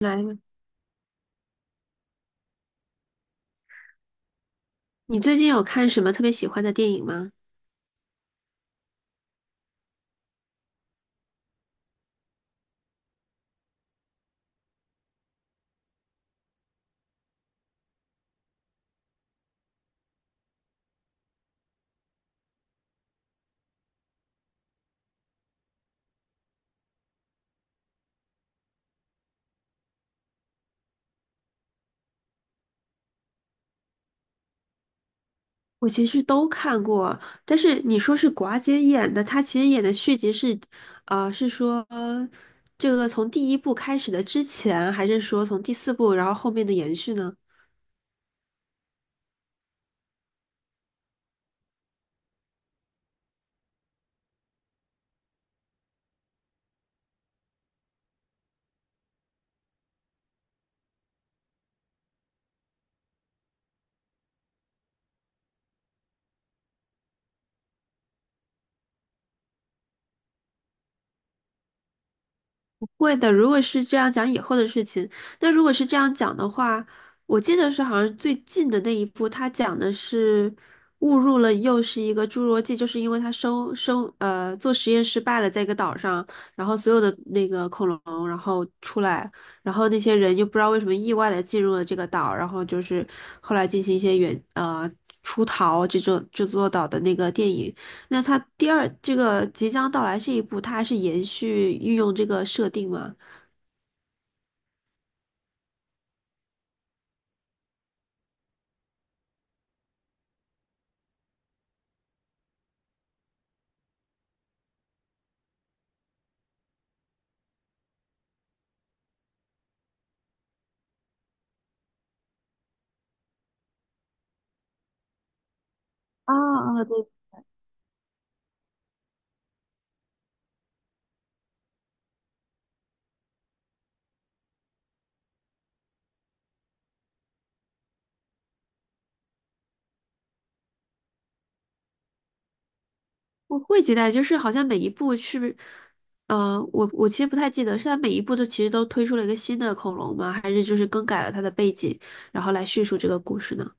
来吧，你最近有看什么特别喜欢的电影吗？我其实都看过，但是你说是寡姐演的，她其实演的续集是，是说这个从第一部开始的之前，还是说从第四部，然后后面的延续呢？会的，如果是这样讲以后的事情，那如果是这样讲的话，我记得是好像最近的那一部，他讲的是误入了又是一个侏罗纪，就是因为他生做实验失败了，在一个岛上，然后所有的那个恐龙然后出来，然后那些人又不知道为什么意外的进入了这个岛，然后就是后来进行一些出逃这座岛的那个电影，那它第二这个即将到来这一步，它还是延续运用这个设定吗？啊啊，对，我会期待，就是好像每一部是不是，我其实不太记得，是它每一部都其实都推出了一个新的恐龙吗？还是就是更改了它的背景，然后来叙述这个故事呢？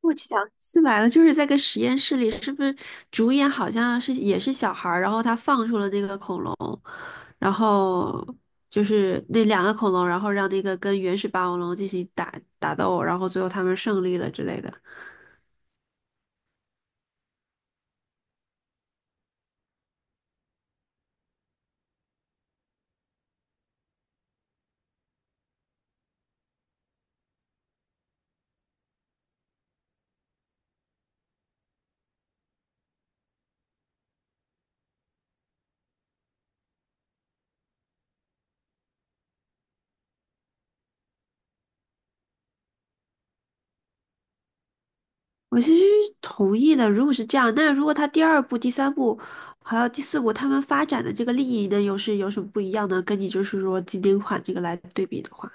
我去想起来了，就是在个实验室里，是不是主演好像是也是小孩儿，然后他放出了那个恐龙，然后就是那两个恐龙，然后让那个跟原始霸王龙进行打斗，然后最后他们胜利了之类的。我其实同意的，如果是这样，那如果他第二部、第三部还有第四部他们发展的这个利益呢，又是有什么不一样呢？跟你就是说经典款这个来对比的话。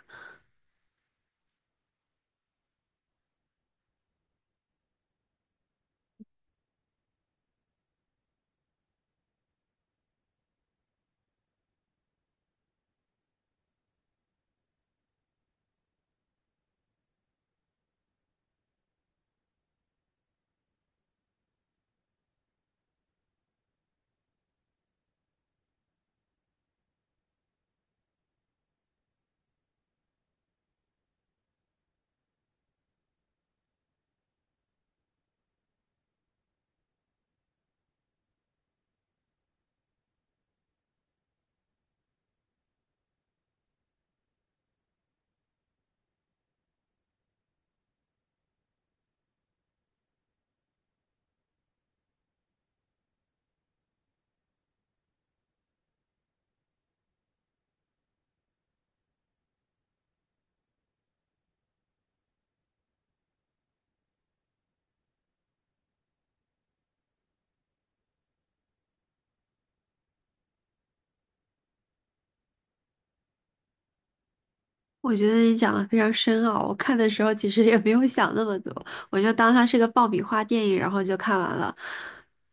我觉得你讲的非常深奥，我看的时候其实也没有想那么多，我就当它是个爆米花电影，然后就看完了。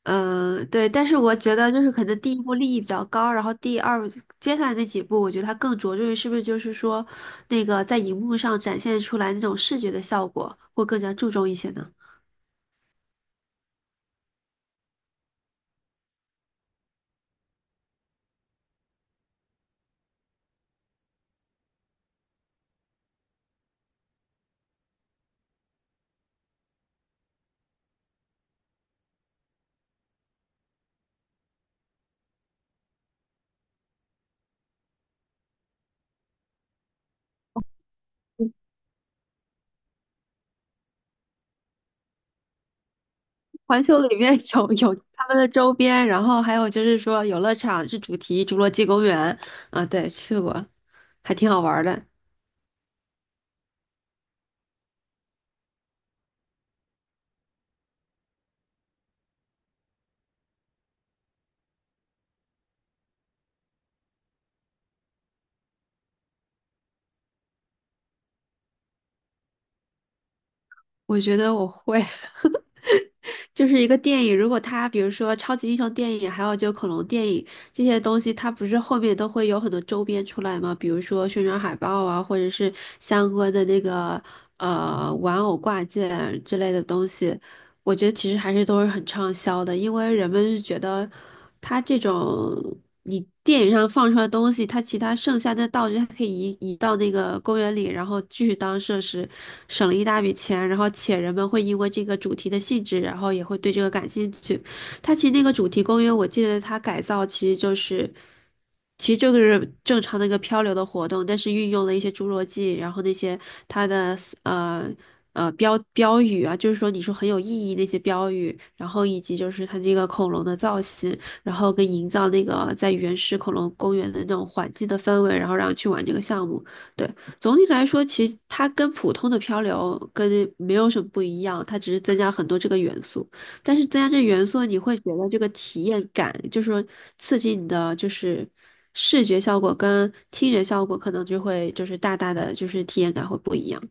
嗯，对，但是我觉得就是可能第一部利益比较高，然后第二接下来那几部，我觉得它更着重于是不是就是说那个在荧幕上展现出来那种视觉的效果，会更加注重一些呢。环球里面有他们的周边，然后还有就是说游乐场是主题《侏罗纪公园》啊，对，去过，还挺好玩儿的。我觉得我会，就是一个电影，如果它比如说超级英雄电影，还有就恐龙电影这些东西，它不是后面都会有很多周边出来吗？比如说宣传海报啊，或者是相关的那个玩偶挂件之类的东西，我觉得其实还是都是很畅销的，因为人们是觉得。它这种你电影上放出来的东西，它其他剩下的道具，它可以移到那个公园里，然后继续当设施，省了一大笔钱。然后且人们会因为这个主题的性质，然后也会对这个感兴趣。它其实那个主题公园，我记得它改造其实就是。其实就是正常的一个漂流的活动，但是运用了一些侏罗纪，然后那些它的呃标语啊，就是说你说很有意义那些标语，然后以及就是它这个恐龙的造型，然后跟营造那个在原始恐龙公园的那种环境的氛围，然后让去玩这个项目。对，总体来说，其实它跟普通的漂流跟没有什么不一样，它只是增加了很多这个元素。但是增加这元素，你会觉得这个体验感，就是说刺激你的就是视觉效果跟听觉效果，可能就会就是大大的就是体验感会不一样。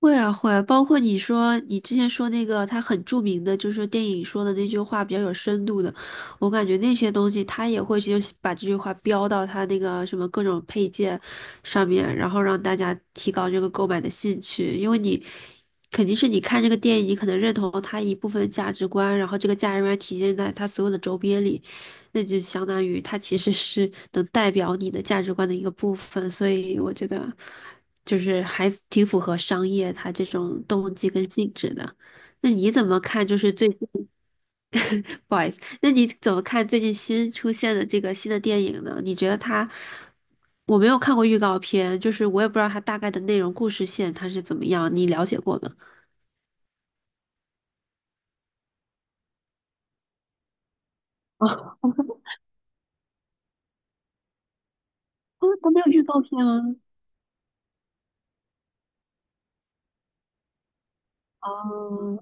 会啊会啊，包括你说你之前说那个他很著名的，就是电影说的那句话比较有深度的，我感觉那些东西他也会去把这句话标到他那个什么各种配件上面，然后让大家提高这个购买的兴趣，因为你肯定是你看这个电影，你可能认同他一部分的价值观，然后这个价值观体现在他所有的周边里，那就相当于他其实是能代表你的价值观的一个部分，所以我觉得。就是还挺符合商业它这种动机跟性质的。那你怎么看？就是最近，不好意思，那你怎么看最近新出现的这个新的电影呢？你觉得它，我没有看过预告片，就是我也不知道它大概的内容、故事线它是怎么样，你了解过吗？哦，它没有预告片啊。哦，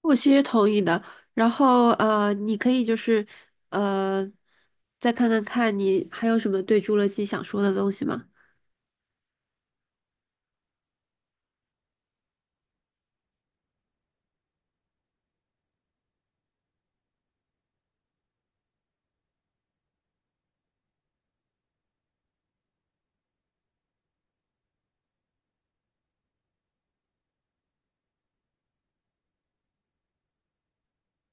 我其实同意的。然后你可以就是呃，再看看你还有什么对《侏罗纪》想说的东西吗？